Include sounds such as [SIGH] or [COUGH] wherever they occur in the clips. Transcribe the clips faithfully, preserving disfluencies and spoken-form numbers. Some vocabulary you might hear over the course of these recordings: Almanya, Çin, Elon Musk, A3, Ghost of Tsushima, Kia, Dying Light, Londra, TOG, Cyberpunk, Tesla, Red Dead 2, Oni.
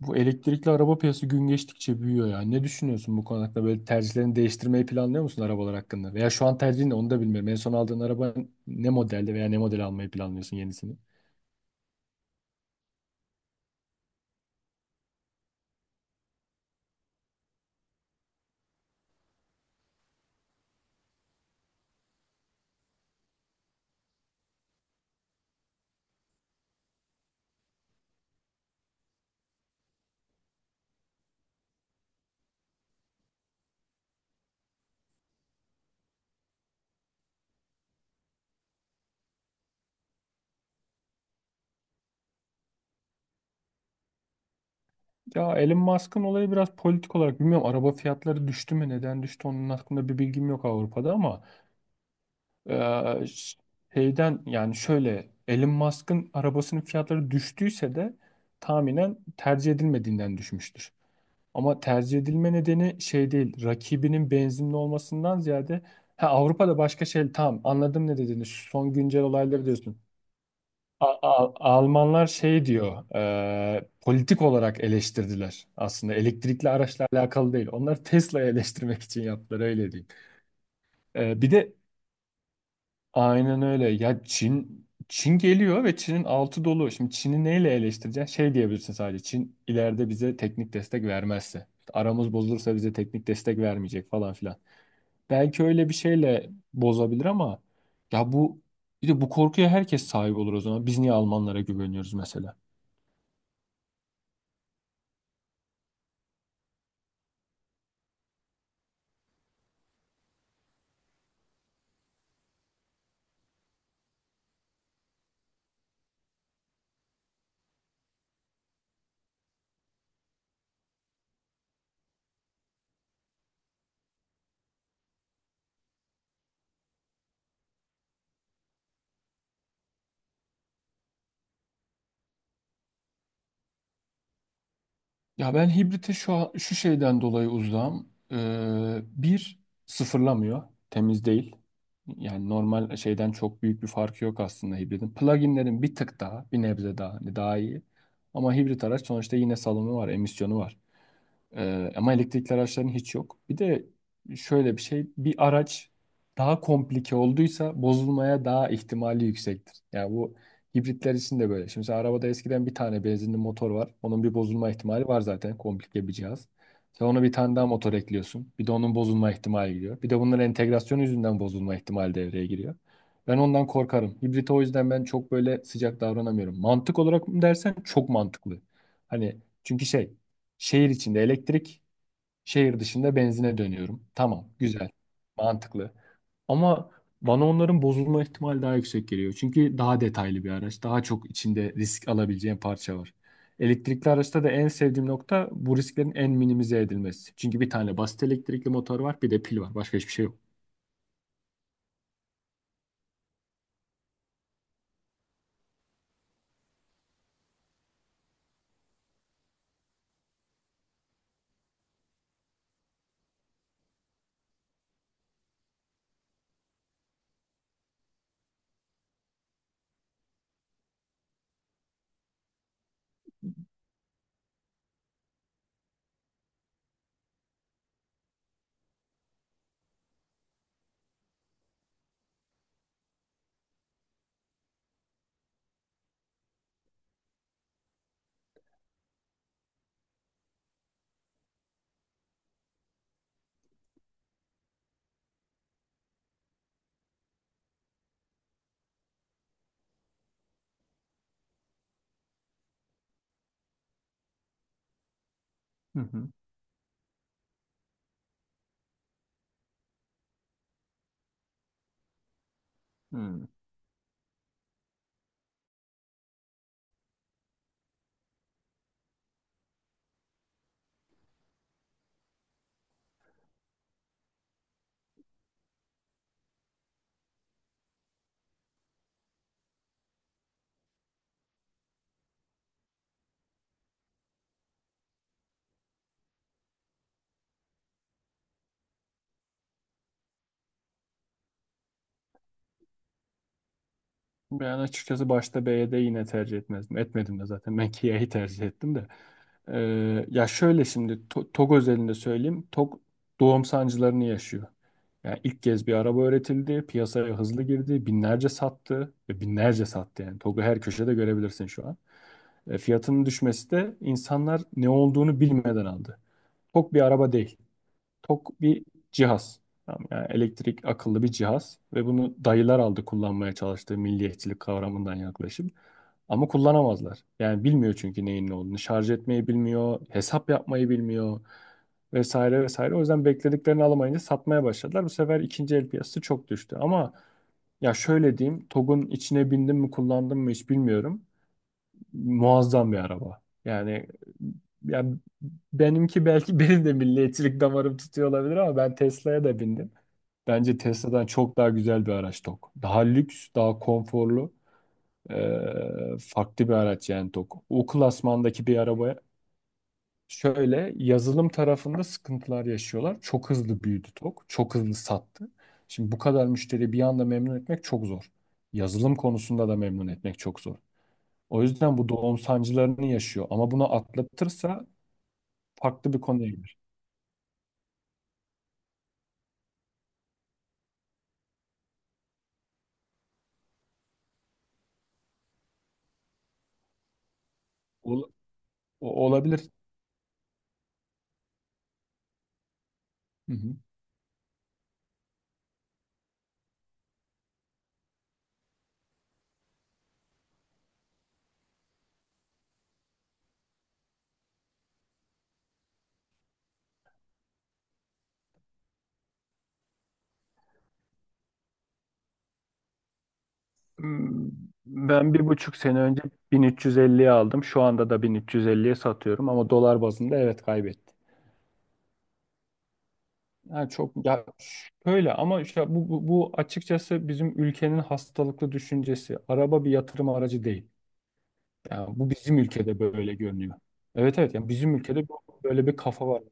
Bu elektrikli araba piyasası gün geçtikçe büyüyor ya. Ne düşünüyorsun bu konu hakkında? Böyle tercihlerini değiştirmeyi planlıyor musun arabalar hakkında? Veya şu an tercihin ne onu da bilmiyorum. En son aldığın araba ne modelde veya ne model almayı planlıyorsun yenisini? Ya Elon Musk'ın olayı biraz politik olarak bilmiyorum. Araba fiyatları düştü mü? Neden düştü? Onun hakkında bir bilgim yok Avrupa'da ama eee, şeyden yani şöyle Elon Musk'ın arabasının fiyatları düştüyse de tahminen tercih edilmediğinden düşmüştür. Ama tercih edilme nedeni şey değil, rakibinin benzinli olmasından ziyade ha, Avrupa'da başka şey tamam anladım ne dediğini şu son güncel olayları diyorsun. A- A- Almanlar şey diyor e, politik olarak eleştirdiler aslında elektrikli araçla alakalı değil. Onları Tesla'yı eleştirmek için yaptılar öyle diyeyim. E, bir de aynen öyle. Ya Çin Çin geliyor ve Çin'in altı dolu. Şimdi Çin'i neyle eleştireceksin? Şey diyebilirsin sadece. Çin ileride bize teknik destek vermezse. İşte aramız bozulursa bize teknik destek vermeyecek falan filan. Belki öyle bir şeyle bozabilir ama ya bu bir de bu korkuya herkes sahip olur o zaman. Biz niye Almanlara güveniyoruz mesela? Ya ben hibrite şu an- şu şeyden dolayı uzağım. Ee, bir sıfırlamıyor, temiz değil. Yani normal şeyden çok büyük bir farkı yok aslında hibridin. Pluginlerin bir tık daha, bir nebze daha, hani daha iyi. Ama hibrit araç sonuçta yine salımı var, emisyonu var. Ee, ama elektrikli araçların hiç yok. Bir de şöyle bir şey, bir araç daha komplike olduysa bozulmaya daha ihtimali yüksektir. Yani bu hibritler için de böyle. Şimdi mesela arabada eskiden bir tane benzinli motor var. Onun bir bozulma ihtimali var zaten komplike bir cihaz. Sen ona bir tane daha motor ekliyorsun. Bir de onun bozulma ihtimali giriyor. Bir de bunların entegrasyon yüzünden bozulma ihtimali devreye giriyor. Ben ondan korkarım. Hibrite o yüzden ben çok böyle sıcak davranamıyorum. Mantık olarak mı dersen çok mantıklı. Hani çünkü şey şehir içinde elektrik, şehir dışında benzine dönüyorum. Tamam, güzel, mantıklı. Ama bana onların bozulma ihtimali daha yüksek geliyor. Çünkü daha detaylı bir araç, daha çok içinde risk alabileceğin parça var. Elektrikli araçta da en sevdiğim nokta bu risklerin en minimize edilmesi. Çünkü bir tane basit elektrikli motor var, bir de pil var. Başka hiçbir şey yok. Hı hı. Hı. Ben açıkçası başta B'de yine tercih etmezdim. Etmedim de zaten. Ben Kia'yı tercih ettim de. Ee, ya şöyle şimdi To- T O G özelinde söyleyeyim. T O G doğum sancılarını yaşıyor. Yani ilk kez bir araba üretildi. Piyasaya hızlı girdi. Binlerce sattı. Ve binlerce sattı yani. T O G'u her köşede görebilirsin şu an. E, fiyatının düşmesi de insanlar ne olduğunu bilmeden aldı. T O G bir araba değil. Tok bir cihaz. Tamam, yani elektrik akıllı bir cihaz ve bunu dayılar aldı kullanmaya çalıştığı milliyetçilik kavramından yaklaşım. Ama kullanamazlar. Yani bilmiyor çünkü neyin ne olduğunu. Şarj etmeyi bilmiyor, hesap yapmayı bilmiyor vesaire vesaire. O yüzden beklediklerini alamayınca satmaya başladılar. Bu sefer ikinci el piyasası çok düştü. Ama ya şöyle diyeyim, T O G'un içine bindim mi kullandım mı hiç bilmiyorum muazzam bir araba. Yani yani benimki belki [LAUGHS] benim de milliyetçilik damarım tutuyor olabilir ama ben Tesla'ya da bindim. Bence Tesla'dan çok daha güzel bir araç tok. Daha lüks, daha konforlu, eee, farklı bir araç yani tok. O klasmandaki bir arabaya şöyle yazılım tarafında sıkıntılar yaşıyorlar. Çok hızlı büyüdü tok, çok hızlı sattı. Şimdi bu kadar müşteri bir anda memnun etmek çok zor. Yazılım konusunda da memnun etmek çok zor. O yüzden bu doğum sancılarını yaşıyor. Ama bunu atlatırsa farklı bir konuya gelir. Ol- o- olabilir. Hı hı. Hmm, ben bir buçuk sene önce bin üç yüz elliye aldım. Şu anda da bin üç yüz elliye satıyorum ama dolar bazında evet kaybetti. Yani çok ya şöyle ama işte bu, bu, bu açıkçası bizim ülkenin hastalıklı düşüncesi. Araba bir yatırım aracı değil. Yani bu bizim ülkede böyle görünüyor. Evet, evet, yani bizim ülkede bu- böyle bir kafa var.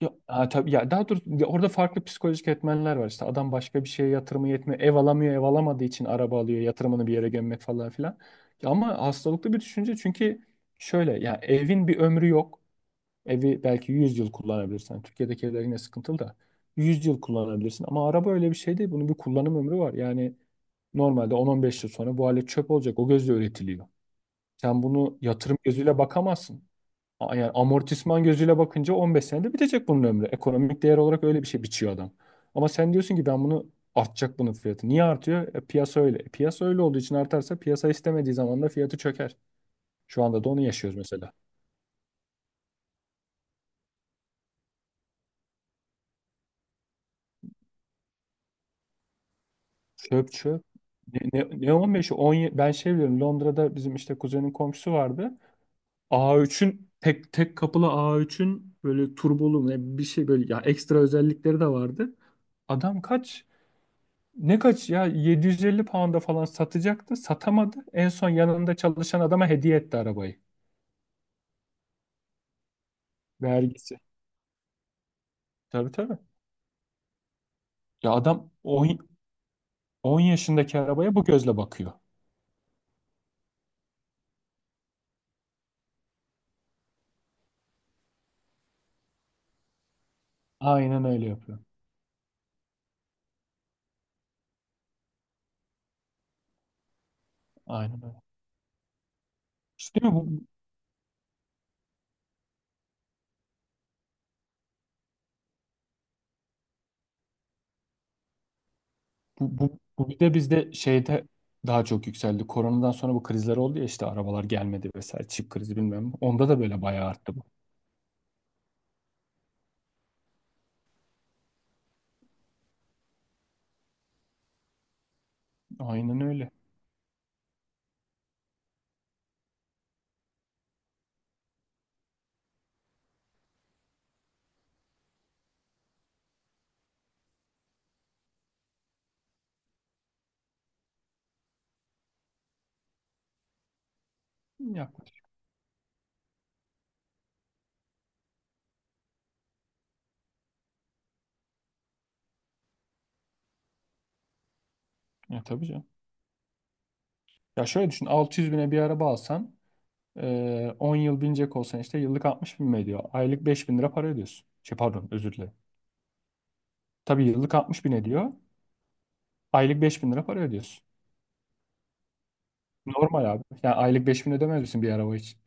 Ya, ha, tabii ya daha doğrusu ya orada farklı psikolojik etmenler var işte adam başka bir şeye yatırımı yetmiyor ev alamıyor ev alamadığı için araba alıyor yatırımını bir yere gömmek falan filan. Ya ama hastalıklı bir düşünce çünkü şöyle ya evin bir ömrü yok, evi belki yüz yıl kullanabilirsin. Yani Türkiye'deki evler yine sıkıntılı da yüz yıl kullanabilirsin, ama araba öyle bir şey değil, bunun bir kullanım ömrü var. Yani normalde on on beş yıl sonra bu alet çöp olacak, o gözle üretiliyor. Sen bunu yatırım gözüyle bakamazsın. A- Yani amortisman gözüyle bakınca on beş senede bitecek bunun ömrü. Ekonomik değer olarak öyle bir şey biçiyor adam. Ama sen diyorsun ki ben bunu artacak bunun fiyatı. Niye artıyor? E, piyasa öyle. E, piyasa öyle olduğu için artarsa piyasa istemediği zaman da fiyatı çöker. Şu anda da onu yaşıyoruz mesela. Çöp çöp. Ne, ne, ne on beşi? on, ben şey biliyorum Londra'da bizim işte kuzenin komşusu vardı. A üçün tek tek kapılı A üçün böyle turbolu ne bir şey böyle ya ekstra özellikleri de vardı. Adam kaç? Ne kaç ya yedi yüz elli pound'a falan satacaktı. Satamadı. En son yanında çalışan adama hediye etti arabayı. Vergisi. Tabii, tabii. Ya adam on, on yaşındaki arabaya bu gözle bakıyor. Aynen öyle yapıyor. Aynen öyle. İşte değil mi? Bu, bu, bu, bu bir de bizde şeyde daha çok yükseldi. Koronadan sonra bu krizler oldu ya işte arabalar gelmedi vesaire. Çip krizi bilmem ne. Onda da böyle bayağı arttı bu. Aynen öyle. Yaklaşık. Ya tabii canım. Ya şöyle düşün altı yüz bine bir araba alsan, ee, on yıl binecek olsan işte yıllık altmış bin mi ediyor? Aylık beş bin lira para ödüyorsun. Şey pardon özür dilerim. Tabii yıllık altmış bin ediyor. Aylık beş bin lira para ödüyorsun. Normal abi. Yani aylık beş bin ödemez misin bir araba için?